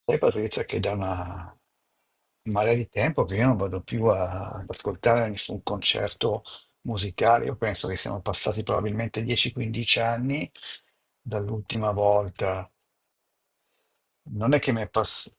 Sai Patrizia che da una marea di tempo che io non vado più ad ascoltare nessun concerto musicale. Io penso che siano passati probabilmente 10-15 anni dall'ultima volta. Non è che mi è passato.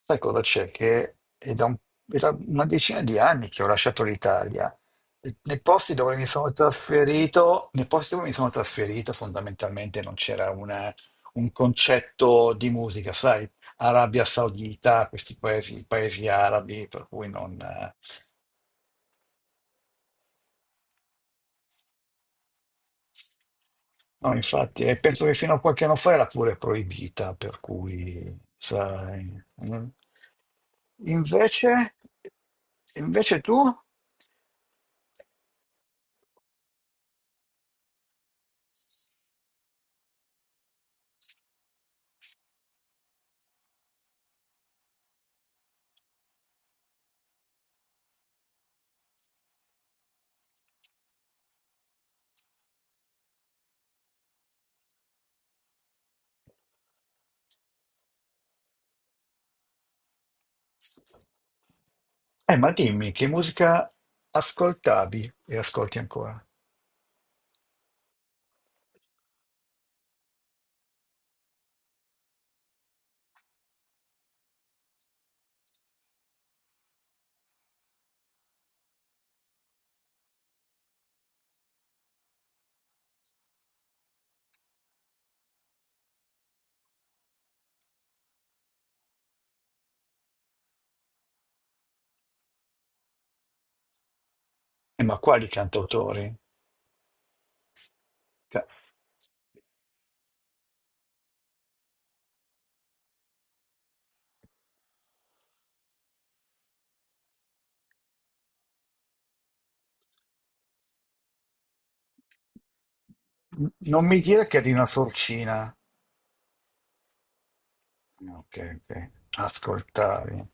Sai cosa c'è? Che è da, un- È da una decina di anni che ho lasciato l'Italia. E nei posti dove mi sono trasferito, nei posti dove mi sono trasferito, fondamentalmente non c'era una- un concetto di musica, sai? Arabia Saudita, questi paesi, paesi arabi, per cui non. No, infatti, e penso che fino a qualche anno fa era pure proibita, per cui, sai. Mm. Invece, invece tu, ma dimmi che musica ascoltavi e ascolti ancora? Ma quali cantautori? Ca- Non mi dire che è di una sorcina. Ok, ok. Ascoltavi.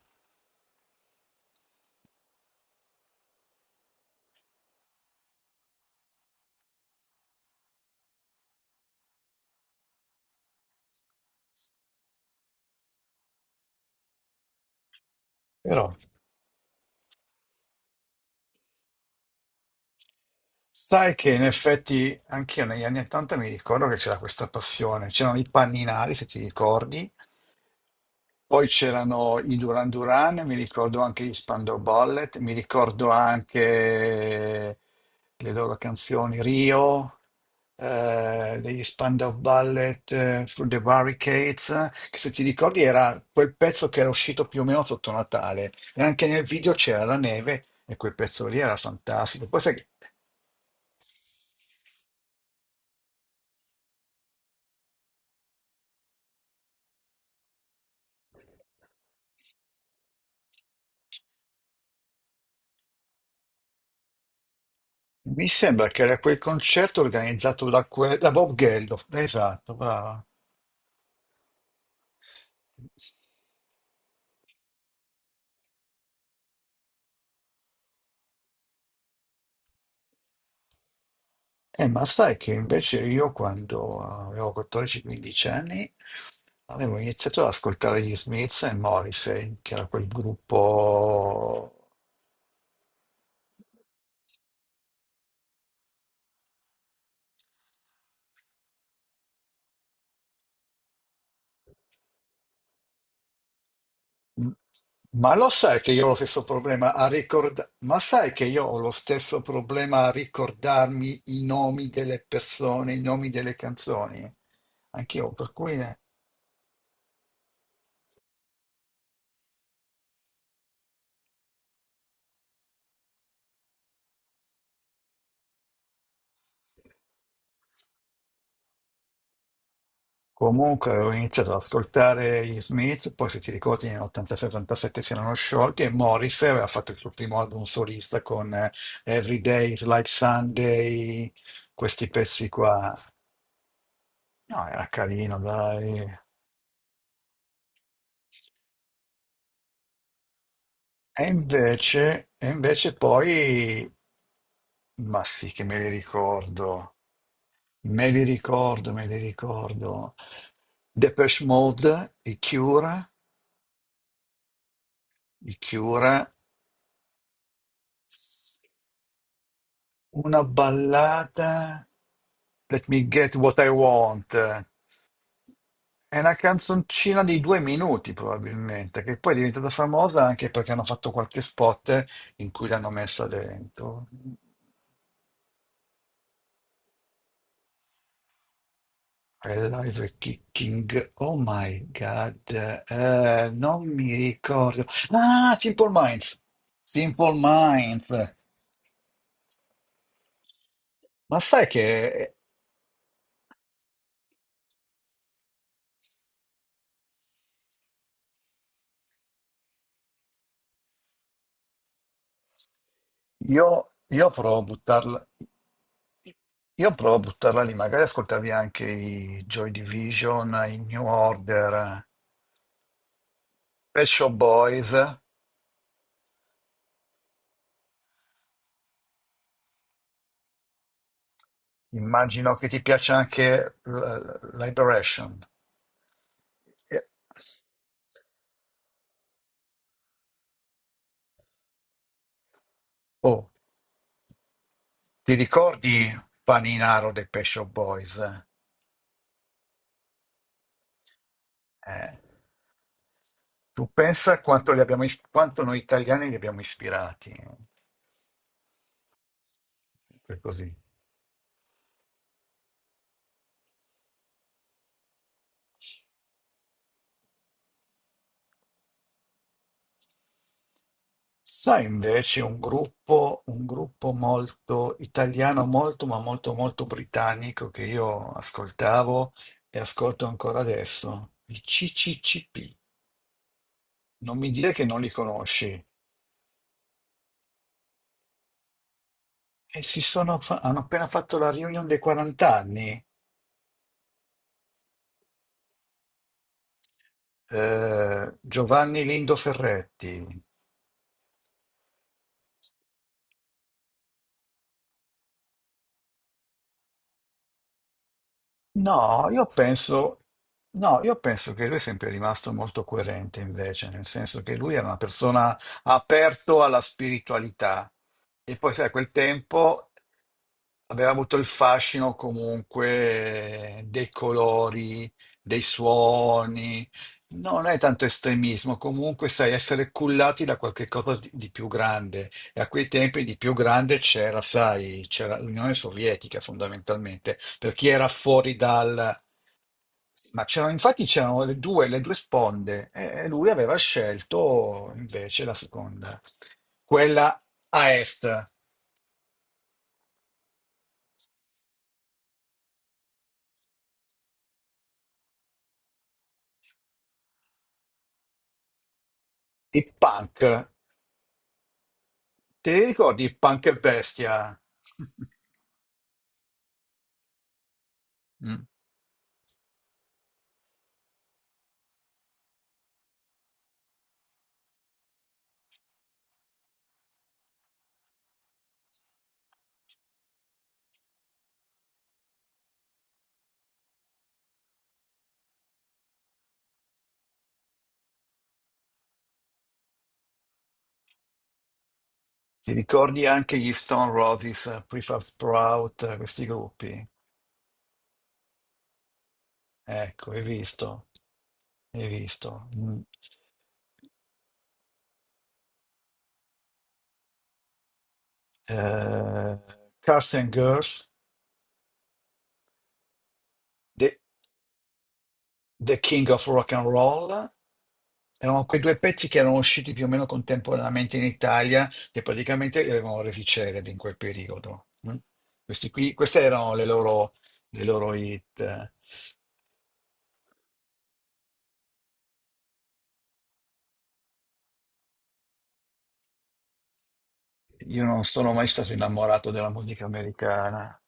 Però sai che in effetti anch'io negli anni 80 mi ricordo che c'era questa passione, c'erano i panninari, se ti ricordi. Poi c'erano i Duran Duran, mi ricordo anche gli Spandau Ballet, mi ricordo anche le loro canzoni Rio, degli Spandau Ballet, Through the Barricades, che se ti ricordi era quel pezzo che era uscito più o meno sotto Natale e anche nel video c'era la neve, e quel pezzo lì era fantastico. Poi sai, mi sembra che era quel concerto organizzato da Bob Geldof, esatto, brava. Ma sai che invece io quando avevo 14-15 anni avevo iniziato ad ascoltare gli Smiths e Morrissey, che era quel gruppo... Ma lo sai che io ho lo stesso problema a ricordarmi... Ma sai che io ho lo stesso problema a ricordarmi i nomi delle persone, i nomi delle canzoni? Anch'io, per cui... comunque ho iniziato ad ascoltare gli Smith, poi se ti ricordi nell'86-87 si erano sciolti, e Morrissey aveva fatto il suo primo album solista con Every Day is Like Sunday, questi pezzi qua. No, era carino, dai. E invece poi, ma sì che me li ricordo, me li ricordo, me li ricordo. Depeche Mode, i Cure, i Cure. Una ballata, Let Me Get What I Want, è una canzoncina di due minuti probabilmente, che poi è diventata famosa anche perché hanno fatto qualche spot in cui l'hanno messa dentro. Live Kicking, oh my god, non mi ricordo. Ah, Simple Minds, Simple Minds. Ma sai che io provo a buttarla. Io provo a buttarla lì, magari ascoltavi anche i Joy Division, i New Order, Pet Shop Boys, immagino che ti piaccia anche Liberation. E- Oh, ti ricordi Paninaro dei Pet Shop Boys? Eh, tu pensa quanto, quanto noi italiani li abbiamo ispirati, per così. Sai, invece un gruppo molto italiano, molto ma molto molto britannico che io ascoltavo e ascolto ancora adesso, i CCCP. Non mi dire che non li conosci. E hanno appena fatto la reunion dei 40 anni. Giovanni Lindo Ferretti. No, io penso, no, io penso che lui è sempre rimasto molto coerente invece, nel senso che lui era una persona aperto alla spiritualità, e poi sai, a quel tempo aveva avuto il fascino comunque dei colori, dei suoni, non è tanto estremismo. Comunque sai, essere cullati da qualche cosa di più grande, e a quei tempi di più grande c'era, sai, c'era l'Unione Sovietica fondamentalmente, per chi era fuori dal... Ma c'erano, infatti c'erano le due sponde, e lui aveva scelto invece la seconda, quella a est, i punk. Ti ricordi Punk e Bestia? Mm. Ti ricordi anche gli Stone Roses, Prefab Sprout, questi gruppi? Ecco, hai visto, hai visto. Mm. Eh, Cars and Girls, The, The King of Rock and Roll. Erano quei due pezzi che erano usciti più o meno contemporaneamente in Italia, che praticamente li avevano resi celebri in quel periodo. Mm. Questi qui, queste erano le loro hit. Io non sono mai stato innamorato della musica americana.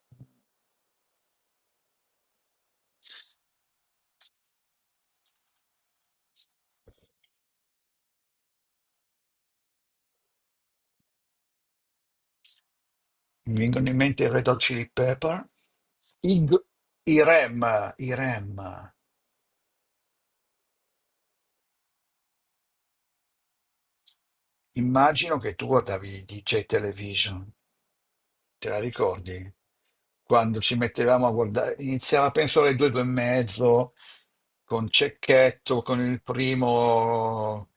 Mi vengono in mente i Red Hot Chili Pepper, i, G- i REM, i REM. Immagino che tu guardavi DJ Television, te la ricordi? Quando ci mettevamo a guardare, iniziava penso alle due, due e mezzo, con Cecchetto, con il primo,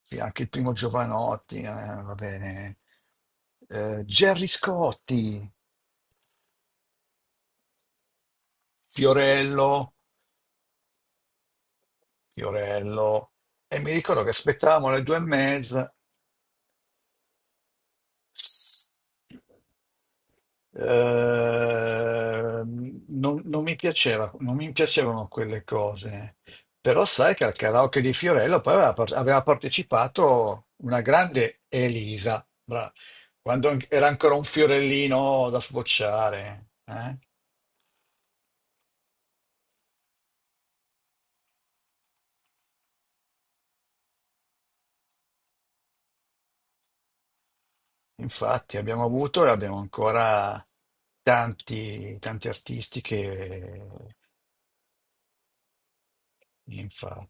sì, anche il primo Giovanotti, va bene, Gerry Scotti, Fiorello. Fiorello. E mi ricordo che aspettavamo le due e mezza. Non mi piaceva, non mi piacevano quelle cose. Però sai che al karaoke di Fiorello poi aveva partecipato una grande Elisa, quando era ancora un fiorellino da sbocciare. Eh. Infatti abbiamo avuto e abbiamo ancora tanti, tanti artisti che... infatti.